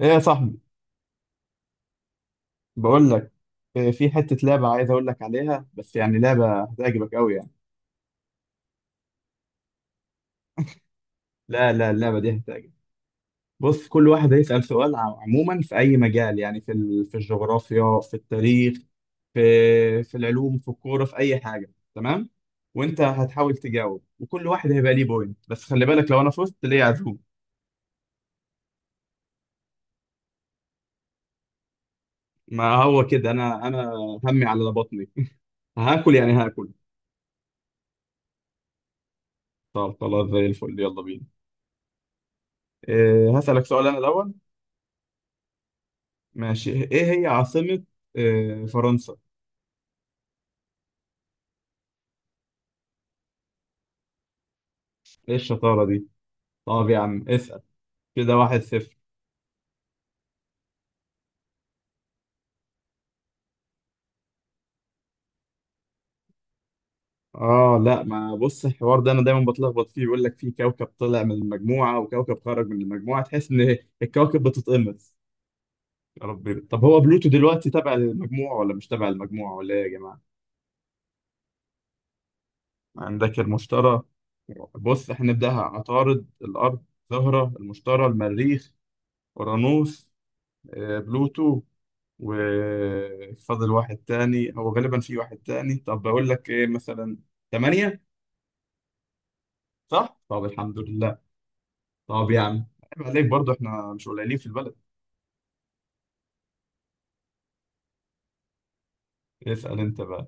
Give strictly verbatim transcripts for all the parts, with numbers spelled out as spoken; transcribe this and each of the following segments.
ايه يا صاحبي. بقول لك إيه، في حتة لعبة عايز اقول لك عليها، بس يعني لعبة هتعجبك قوي يعني. لا لا، اللعبة دي هتعجبك. بص، كل واحد هيسأل سؤال عم- عموما في اي مجال، يعني في ال- في الجغرافيا، في التاريخ، في في العلوم، في الكورة، في اي حاجة. تمام. وانت هتحاول تجاوب، وكل واحد هيبقى ليه بوينت، بس خلي بالك، لو انا فزت ليه عزوم. ما هو كده انا انا همي على بطني. هاكل يعني هاكل. طب خلاص زي الفل، يلا بينا. إيه، هسألك سؤال انا الاول. ماشي، ايه هي عاصمة آه، فرنسا؟ ايه الشطارة دي؟ طب يا عم اسأل. كده واحد صفر. اه لا، ما بص، الحوار ده انا دايما بتلخبط فيه، بيقول لك في كوكب طلع من المجموعة وكوكب خرج من المجموعة، تحس ان الكواكب بتتقمص. يا ربي، طب هو بلوتو دلوقتي تبع المجموعة ولا مش تبع المجموعة ولا ايه يا جماعة؟ عندك المشتري. بص احنا نبدأها، عطارد، الأرض، زهرة، المشتري، المريخ، أورانوس، آه، بلوتو. وفاضل واحد تاني، هو غالبا في واحد تاني، طب بقول لك ايه مثلا، تمانية. صح؟ طب الحمد لله. طب يا عم، عيب عليك برضه، احنا مش قليلين في البلد. اسأل انت بقى.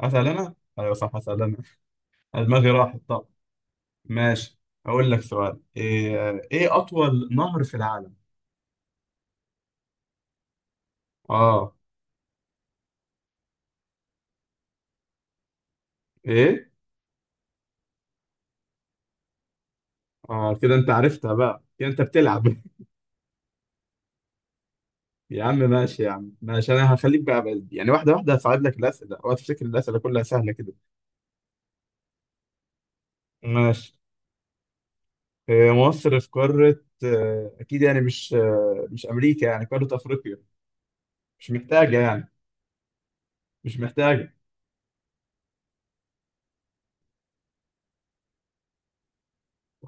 اسأل انا؟ ايوه صح، اسأل انا. دماغي راحت. طب ماشي، اقول لك سؤال، ايه ايه اطول نهر في العالم؟ اه. ايه؟ اه كده انت عرفتها بقى، كده انت بتلعب. يا عم ماشي، يا عم ماشي، انا هخليك بقى بقى- يعني واحدة واحدة، هصعب لك الأسئلة، اوعى تفتكر الأسئلة كلها سهلة كده. ماشي. هي مصر في قارة، آه، أكيد يعني مش آه، مش أمريكا، يعني قارة أفريقيا. مش محتاجة يعني. مش محتاجة.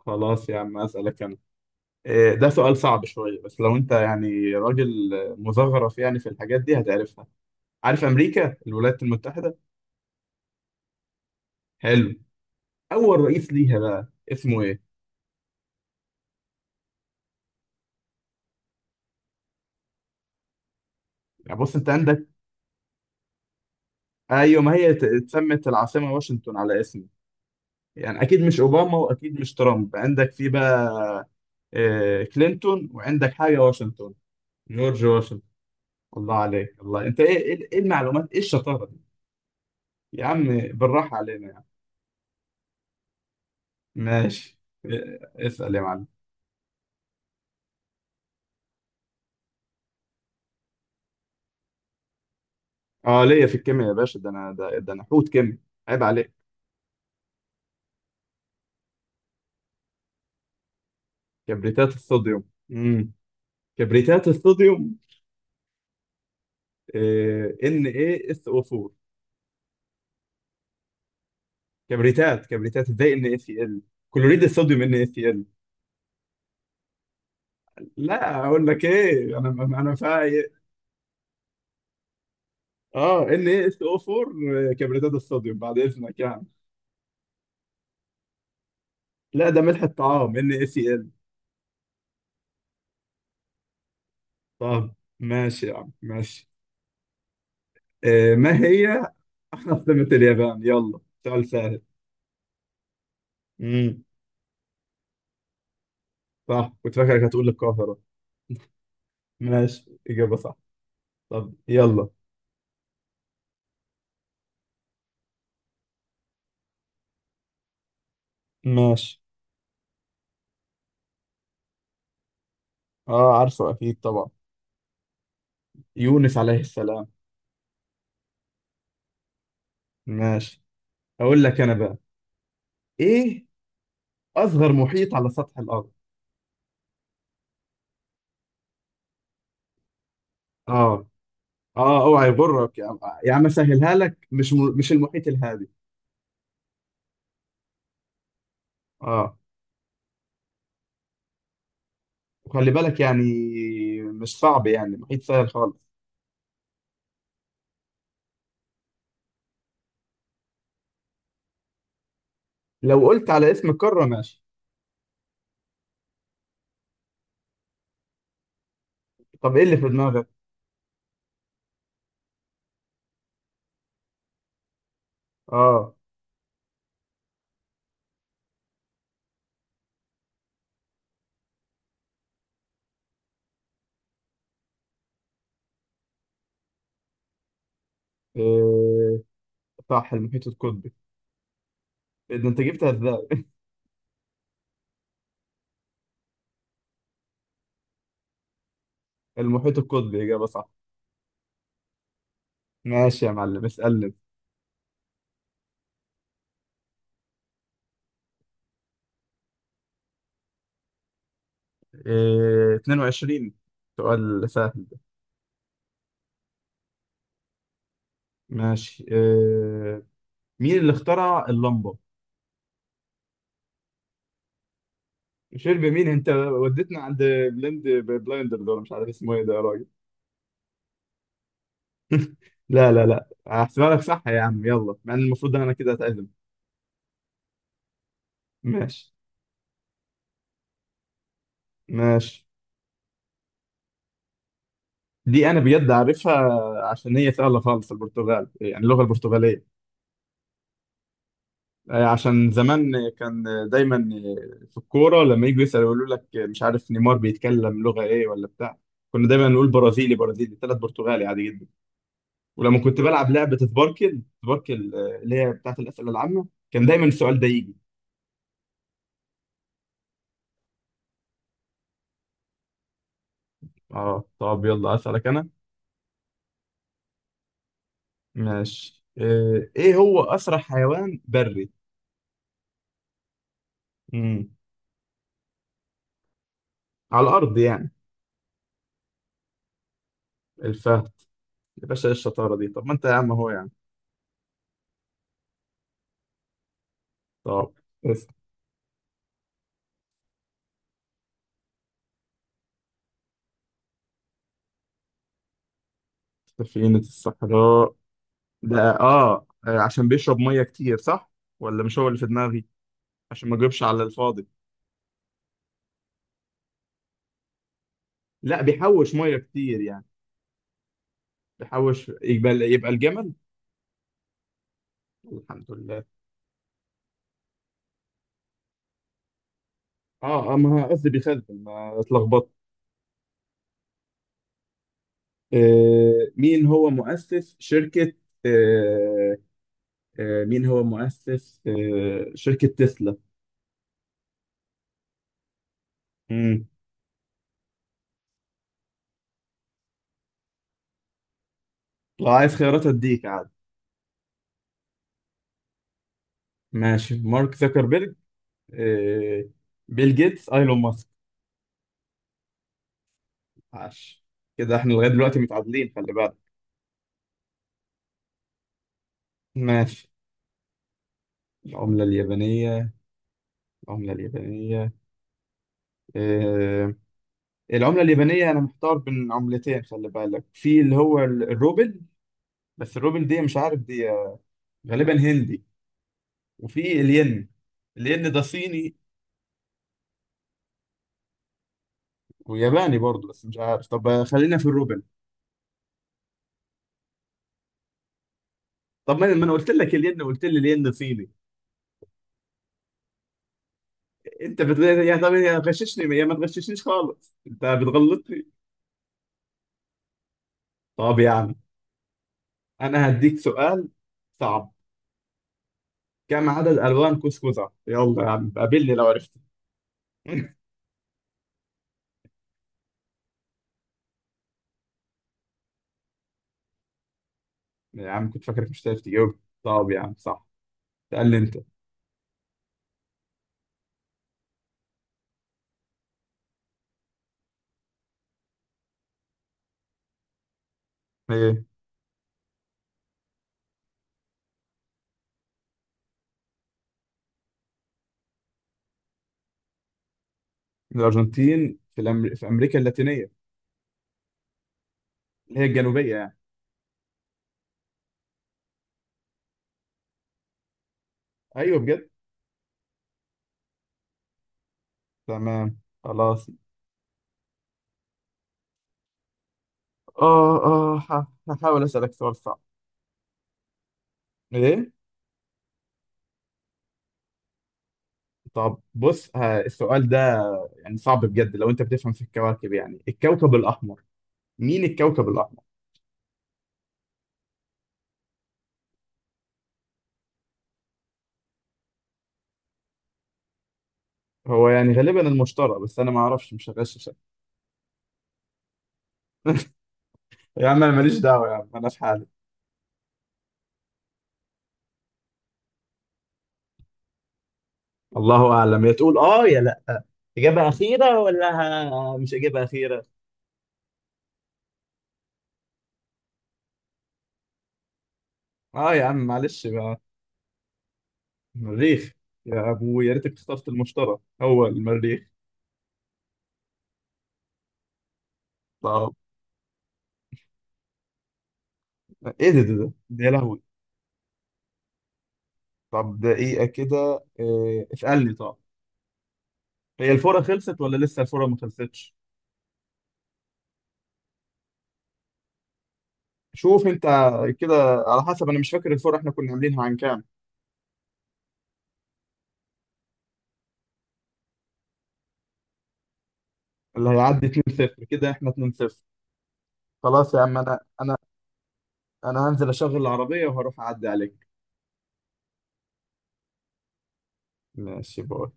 خلاص يا عم أسألك أنا. آه، ده سؤال صعب شوية، بس لو أنت يعني راجل آه، مزخرف يعني في الحاجات دي هتعرفها. عارف أمريكا الولايات المتحدة. حلو. أول رئيس ليها بقى اسمه إيه؟ يعني بص، أنت عندك. أيوة، ما هي ت- اتسمت العاصمة واشنطن على اسمه، يعني أكيد مش أوباما وأكيد مش ترامب، عندك في بقى آه، كلينتون، وعندك حاجة واشنطن. جورج واشنطن. الله عليك الله، انت ايه ايه إيه المعلومات، ايه الشطاره دي. يا عم بالراحه علينا يا عم. ماشي. إيه- اسال يا معلم. اه ليا في الكيمياء يا باشا، ده انا ده, ده انا حوت كيمياء. عيب عليك. كبريتات الصوديوم. امم كبريتات الصوديوم. ان ايه اس او اربعة. كبريتات كبريتات ازاي ان اي سي ال؟ كلوريد الصوديوم ان اي سي ال. لا اقول لك ايه، انا انا فايق. اه، ان ايه اس او اربعة كبريتات الصوديوم، بعد اذنك يعني. لا، ده ملح الطعام ان اي سي ال. طب ماشي يا عم ماشي. آه، ما هي عاصمة اليابان، يلا سؤال سهل. امم صح، كنت فاكرك هتقول القاهرة. ماشي، إجابة صح. طب يلا. ماشي. اه عارفه اكيد طبعا. يونس عليه السلام. ماشي، اقول لك انا بقى ايه. اصغر محيط على سطح الارض. اه اه، اوعى يغرك يا عم. يا عم اسهلها لك، مش م... مش المحيط الهادي. اه. وخلي بالك يعني، مش صعب يعني، محيط سهل خالص. لو قلت على اسم القارة ماشي. طب ايه اللي في دماغك؟ اه. إيه. صح، المحيط القطبي. إيه ده، انت جبتها ازاي؟ المحيط القطبي اجابه صح. ماشي يا معلم، اسالني. إيه، اتنين وعشرين، سؤال سهل ده. ماشي إيه، مين اللي اخترع اللمبه؟ شرب مين انت، وديتنا عند بلند بلايندر، دول مش عارف اسمه ايه ده يا راجل. لا لا لا، هحسبها لك صح يا عم، يلا، مع ان المفروض انا كده اتعزم. ماشي. ماشي. دي انا بجد عارفها، عشان هي سهله خالص، البرتغال، يعني اللغه البرتغاليه. آه، عشان زمان كان دايما في الكوره لما يجوا يسالوا، يقولوا لك مش عارف نيمار بيتكلم لغه ايه ولا بتاع. كنا دايما نقول برازيلي برازيلي ثلاث برتغالي عادي جدا. ولما كنت بلعب لعبه سباركل سباركل، آه، اللي هي بتاعت الاسئله العامه، كان دايما السؤال ده يجي. اه، طب يلا اسالك انا. ماشي، آه، ايه هو اسرع حيوان بري. امم. على الارض يعني. الفهد. يا باشا، ايه الشطاره دي، طب ما انت يا عم هو يعني. طب. اسم. سفينه الصحراء. ده اه، آه، عشان بيشرب ميه كتير صح، ولا مش هو اللي في دماغي، عشان ما اجيبش على الفاضي. لا، بيحوش ميه كتير يعني. بيحوش، يبقى يبقى الجمل. الحمد لله. اه اه، ما هو قصدي بيخزن، ما اتلخبطت. آه، مين هو مؤسس شركة، آه آه مين هو مؤسس آه شركة تسلا. مم. لو عايز خيارات اديك عادي. ماشي، مارك زكربيرج، آه، بيل جيتس، ايلون ماسك. عاش. كده احنا لغاية دلوقتي متعادلين، خلي بالك. ماشي. العملة اليابانية. العملة اليابانية. آه العملة اليابانية، أنا محتار بين عملتين، خلي بالك، في اللي هو ال- الروبل، بس الروبل دي مش عارف دي، غالبا هندي. وفي الين. الين ده صيني وياباني برضه، بس مش عارف، طب آه، خلينا في الروبل. طب ما ما أنا قلت لك الين، قلت لي الين صيني. أنت بتغير يا، طب يا غششني يا ما تغششنيش خالص، أنت بتغلطني. طب يا عم، أنا هديك سؤال صعب. كم عدد ألوان كوسكوزة، يلا يا عم قابلني لو عرفت. يا عم كنت فاكرك مش هتعرف تجاوب، طب يا عم صح. تقل انت. ايه. الارجنتين في الأمر... في امريكا اللاتينيه. اللي هي الجنوبيه يعني. ايوه بجد. تمام. خلاص. اه اه، ه- هحاول اسالك سؤال صعب. ايه. طب بص، ه- السؤال ده يعني صعب بجد، لو انت بتفهم في الكواكب، يعني الكوكب الاحمر، مين الكوكب الاحمر. هو يعني غالبا المشتري، بس انا ما اعرفش، مش هغششك. يا عم انا ماليش دعوه، يا عم انا في حالي. الله اعلم، يا تقول اه يا لا، اجابه اخيره ولا ه- مش اجابه اخيره. اه يا عم معلش بقى. المريخ. يا ابو، يا ريتك اخترت المشتري. هو المريخ. طب. ايه ده ده ده ده، يا لهوي. طب دقيقه كده، إيه اسالني طب، هي الفوره خلصت ولا لسه الفوره ما خلصتش. شوف انت كده، على حسب، انا مش فاكر الفوره احنا كنا عاملينها عن كام. اللي هيعدي اتنين صفر، كده احنا اتنين صفر. خلاص يا عم، انا انا انا هنزل اشغل العربيه وهروح اعدي عليك. ماشي بقى.